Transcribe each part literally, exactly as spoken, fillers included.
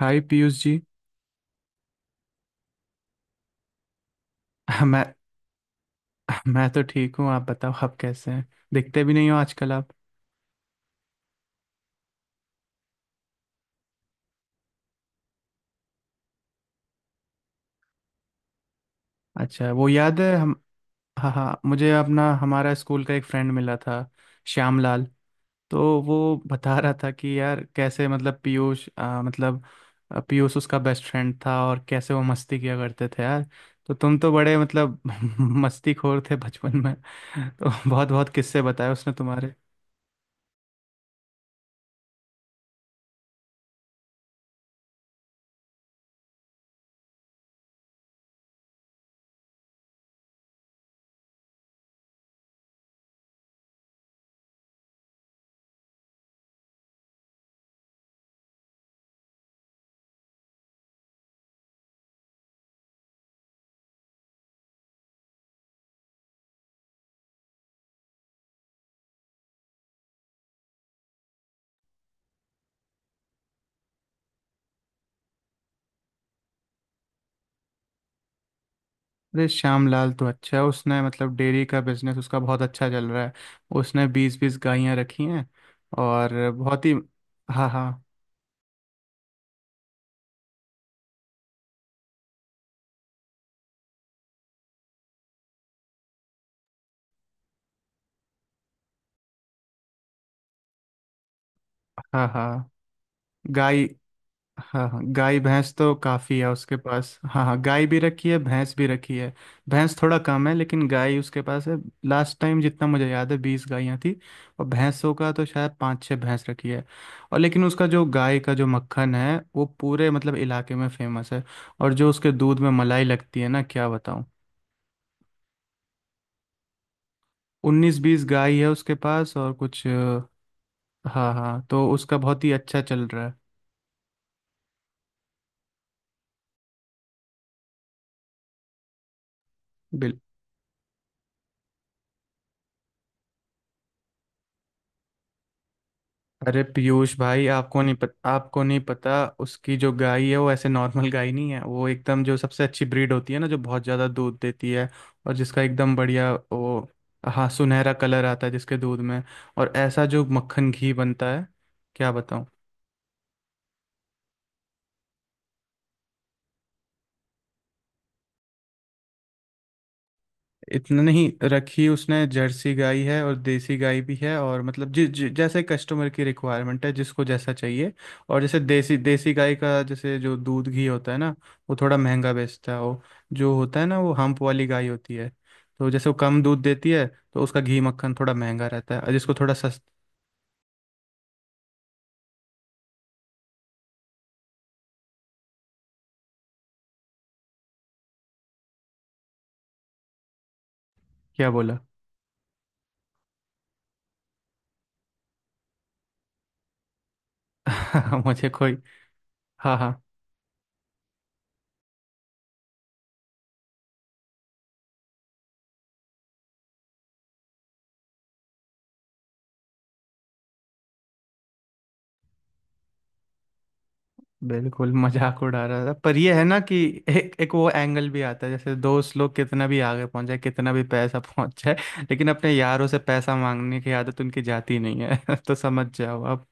हाय पीयूष जी। मैं मैं तो ठीक हूँ, आप बताओ आप कैसे हैं। दिखते भी नहीं हो आजकल आप। अच्छा वो याद है हम। हाँ हाँ, मुझे अपना हमारा स्कूल का एक फ्रेंड मिला था, श्याम लाल। तो वो बता रहा था कि यार कैसे मतलब पीयूष आ, मतलब आ, पीयूष उसका बेस्ट फ्रेंड था और कैसे वो मस्ती किया करते थे यार। तो तुम तो बड़े मतलब मस्तीखोर थे बचपन में। तो बहुत बहुत किस्से बताए उसने। अरे श्यामलाल तो अच्छा है, उसने मतलब डेयरी का बिजनेस उसका बहुत अच्छा चल रहा है। उसने बीस बीस गायें रखी हैं और बहुत ही। हाँ हाँ। हाँ हाँ गाय। हाँ हाँ गाय भैंस तो काफ़ी है उसके पास। हाँ हाँ गाय भी रखी है भैंस भी रखी है। भैंस थोड़ा कम है लेकिन गाय उसके पास है। लास्ट टाइम जितना मुझे याद है बीस गायें थी। और भैंसों का तो शायद पाँच छः भैंस रखी है। और लेकिन उसका जो गाय का जो मक्खन है वो पूरे मतलब इलाके में फेमस है। और जो उसके दूध में मलाई लगती है ना, क्या बताऊँ। उन्नीस बीस गाय है उसके पास और कुछ अ, हाँ हाँ, तो उसका बहुत ही अच्छा चल रहा है। बिल। अरे पीयूष भाई आपको नहीं पता, आपको नहीं पता। उसकी जो गाय है वो ऐसे नॉर्मल गाय नहीं है, वो एकदम जो सबसे अच्छी ब्रीड होती है ना, जो बहुत ज़्यादा दूध देती है और जिसका एकदम बढ़िया वो। हाँ, सुनहरा कलर आता है जिसके दूध में। और ऐसा जो मक्खन घी बनता है, क्या बताऊँ। इतना नहीं रखी उसने, जर्सी गाय है और देसी गाय भी है, और मतलब जि, जि, जैसे कस्टमर की रिक्वायरमेंट है जिसको जैसा चाहिए। और जैसे देसी देसी गाय का जैसे जो दूध घी होता है ना, वो थोड़ा महंगा बेचता है वो। जो होता है ना, वो हम्प वाली गाय होती है। तो जैसे वो कम दूध देती है तो उसका घी मक्खन थोड़ा महंगा रहता है और जिसको थोड़ा सस्ता। क्या बोला। मुझे कोई। हाँ हाँ। बिल्कुल मजाक उड़ा रहा था, पर ये है ना कि एक एक वो एंगल भी आता है। जैसे दोस्त लोग कितना भी आगे पहुंच जाए कितना भी पैसा पहुंच जाए लेकिन अपने यारों से पैसा मांगने की आदत उनकी जाती नहीं है। तो समझ जाओ आप।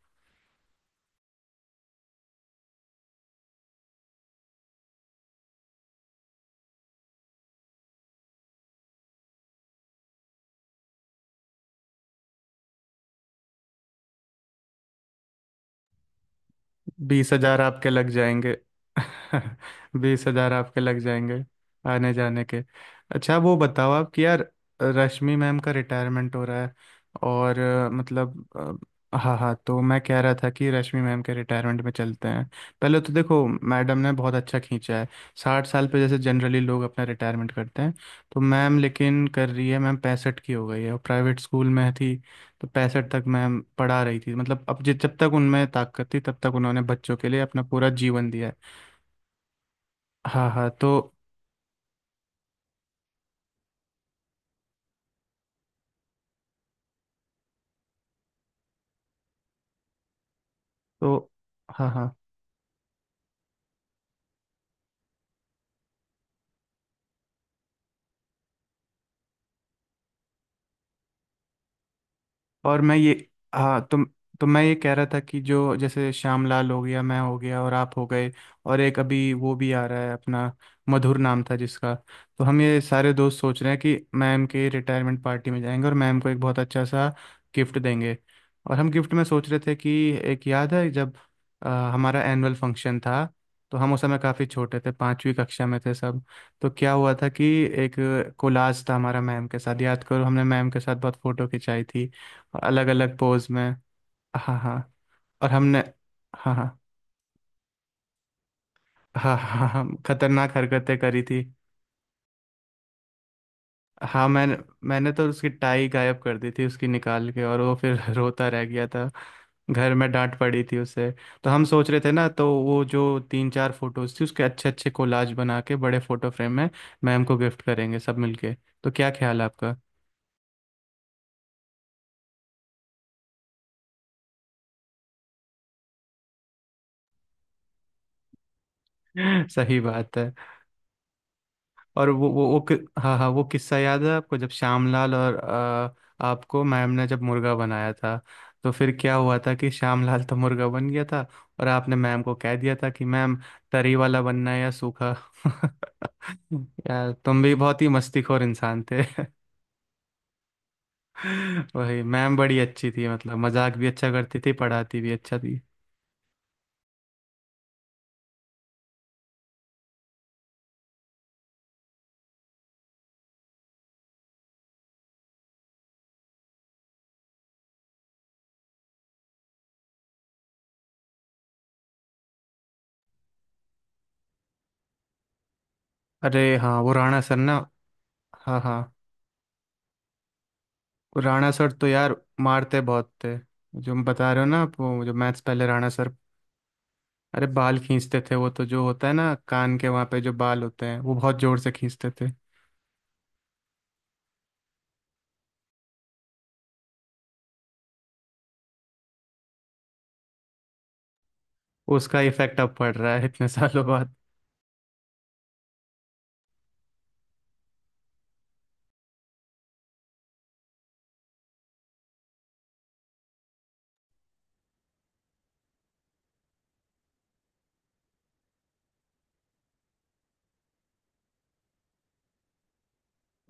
बीस हजार आपके लग जाएंगे। बीस हजार आपके लग जाएंगे आने जाने के। अच्छा वो बताओ आप कि यार, रश्मि मैम का रिटायरमेंट हो रहा है और अ, मतलब अ, हाँ हाँ, तो मैं कह रहा था कि रश्मि मैम के रिटायरमेंट में चलते हैं। पहले तो देखो मैडम ने बहुत अच्छा खींचा है, साठ साल पे जैसे जनरली लोग अपना रिटायरमेंट करते हैं, तो मैम लेकिन कर रही है, मैम पैंसठ की हो गई है और प्राइवेट स्कूल में थी। तो पैंसठ तक मैम पढ़ा रही थी, मतलब अब जि- जब तक उनमें ताकत थी तब तक उन्होंने बच्चों के लिए अपना पूरा जीवन दिया है। हाँ हाँ। तो तो हाँ हाँ। और मैं ये, हाँ, तो तो मैं ये कह रहा था कि जो जैसे श्यामलाल हो गया, मैं हो गया, और आप हो गए, और एक अभी वो भी आ रहा है अपना, मधुर नाम था जिसका। तो हम ये सारे दोस्त सोच रहे हैं कि मैम के रिटायरमेंट पार्टी में जाएंगे और मैम को एक बहुत अच्छा सा गिफ्ट देंगे। और हम गिफ्ट में सोच रहे थे कि एक याद है जब अ, हमारा एनुअल फंक्शन था। तो हम उस समय काफ़ी छोटे थे, पांचवी कक्षा में थे सब। तो क्या हुआ था कि एक कोलाज था हमारा मैम के साथ, याद करो हमने मैम के साथ बहुत फ़ोटो खिंचाई थी अलग अलग पोज में। हाँ हाँ। और हमने हाँ हाँ हाँ हाँ हाँ खतरनाक हरकतें करी थी। हाँ, मैंने मैंने तो उसकी टाई गायब कर दी थी उसकी निकाल के, और वो फिर रोता रह गया था। घर में डांट पड़ी थी उसे। तो हम सोच रहे थे ना, तो वो जो तीन चार फोटोज थी उसके अच्छे अच्छे कोलाज बना के बड़े फोटो फ्रेम में मैम को गिफ्ट करेंगे सब मिलके। तो क्या ख्याल है आपका। सही बात है। और वो वो वो कि- हाँ हाँ, वो किस्सा याद है आपको जब श्यामलाल और अ, आपको मैम ने जब मुर्गा बनाया था। तो फिर क्या हुआ था कि श्यामलाल तो मुर्गा बन गया था, और आपने मैम को कह दिया था कि मैम तरी वाला बनना है या सूखा। यार तुम भी बहुत ही मस्तीखोर इंसान थे। वही मैम बड़ी अच्छी थी, मतलब मजाक भी अच्छा करती थी पढ़ाती भी अच्छा थी। अरे हाँ, वो राणा सर ना। हाँ हाँ। वो राणा सर तो यार मारते बहुत थे। जो हम बता रहे हो ना आप, वो जो मैथ्स पहले राणा सर, अरे बाल खींचते थे वो तो, जो होता है ना कान के वहां पे जो बाल होते हैं वो बहुत जोर से खींचते थे। उसका इफेक्ट अब पड़ रहा है इतने सालों बाद।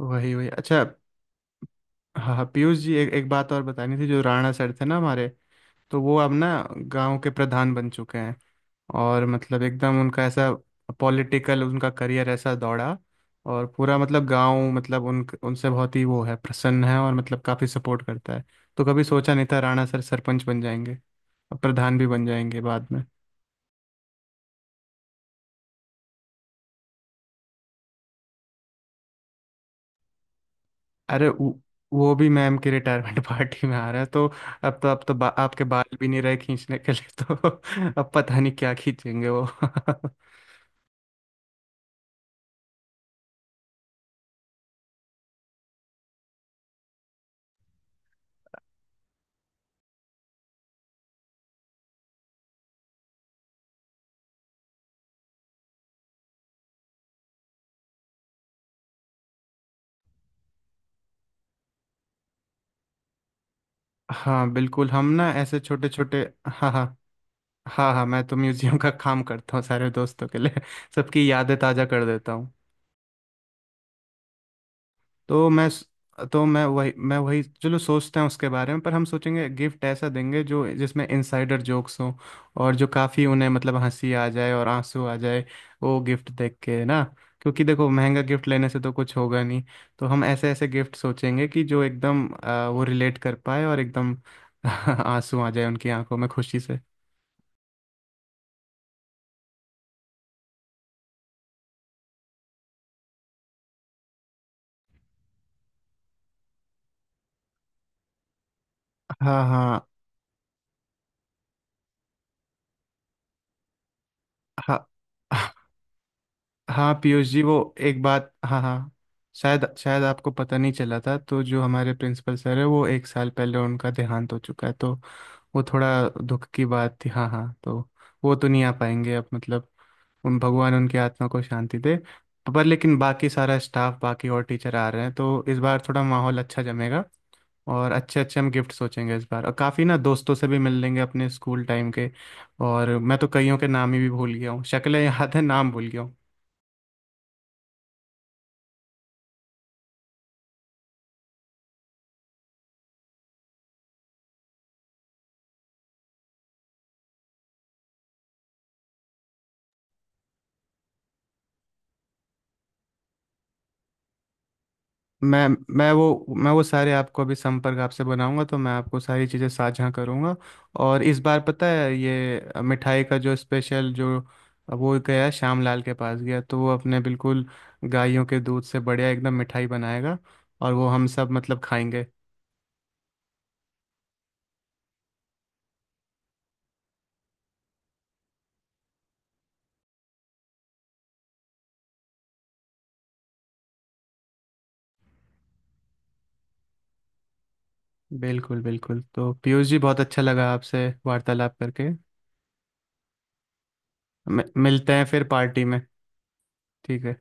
वही वही, अच्छा। हाँ हाँ, पीयूष जी, एक एक बात और बतानी थी, जो राणा सर थे ना हमारे, तो वो अब ना गांव के प्रधान बन चुके हैं। और मतलब एकदम उनका ऐसा पॉलिटिकल उनका करियर ऐसा दौड़ा। और पूरा मतलब गांव मतलब उन उनसे बहुत ही वो है, प्रसन्न है और मतलब काफी सपोर्ट करता है। तो कभी सोचा नहीं था राणा सर सरपंच बन जाएंगे और प्रधान भी बन जाएंगे बाद में। अरे वो वो भी मैम की रिटायरमेंट पार्टी में आ रहा है तो। अब तो अब तो बा, आपके बाल भी नहीं रहे खींचने के लिए, तो अब पता नहीं क्या खींचेंगे वो। हाँ बिल्कुल, हम ना ऐसे छोटे छोटे। हाँ हाँ। हाँ हाँ, मैं तो म्यूजियम का काम करता हूँ सारे दोस्तों के लिए, सबकी यादें ताज़ा कर देता हूँ। तो मैं तो मैं वही मैं वही चलो सोचते हैं उसके बारे में, पर हम सोचेंगे गिफ्ट ऐसा देंगे जो जिसमें इनसाइडर जोक्स हों और जो काफ़ी उन्हें मतलब हंसी आ जाए और आंसू आ जाए वो गिफ्ट देख के ना। क्योंकि देखो महंगा गिफ्ट लेने से तो कुछ होगा नहीं। तो हम ऐसे ऐसे गिफ्ट सोचेंगे कि जो एकदम आ, वो रिलेट कर पाए और एकदम आंसू आ जाए उनकी आंखों में खुशी से। हाँ हाँ। हाँ हाँ पीयूष जी, वो एक बात, हाँ हाँ, शायद शायद आपको पता नहीं चला था, तो जो हमारे प्रिंसिपल सर है वो एक साल पहले उनका देहांत हो चुका है, तो वो थोड़ा दुख की बात थी। हाँ हाँ, तो वो तो नहीं आ पाएंगे अब, मतलब उन भगवान उनकी आत्मा को शांति दे। पर लेकिन बाकी सारा स्टाफ बाकी और टीचर आ रहे हैं, तो इस बार थोड़ा माहौल अच्छा जमेगा, और अच्छे अच्छे हम गिफ्ट सोचेंगे इस बार, और काफ़ी ना दोस्तों से भी मिल लेंगे अपने स्कूल टाइम के। और मैं तो कईयों के नाम ही भी भूल गया हूँ, शक्लें याद है नाम भूल गया हूँ। मैं मैं वो मैं वो सारे आपको अभी संपर्क आपसे बनाऊंगा, तो मैं आपको सारी चीज़ें साझा करूंगा। और इस बार पता है ये मिठाई का जो स्पेशल जो वो गया श्याम लाल के पास, गया तो वो अपने बिल्कुल गायों के दूध से बढ़िया एकदम मिठाई बनाएगा, और वो हम सब मतलब खाएंगे। बिल्कुल बिल्कुल, तो पीयूष जी, बहुत अच्छा लगा आपसे वार्तालाप करके। मि- मिलते हैं फिर पार्टी में। ठीक है।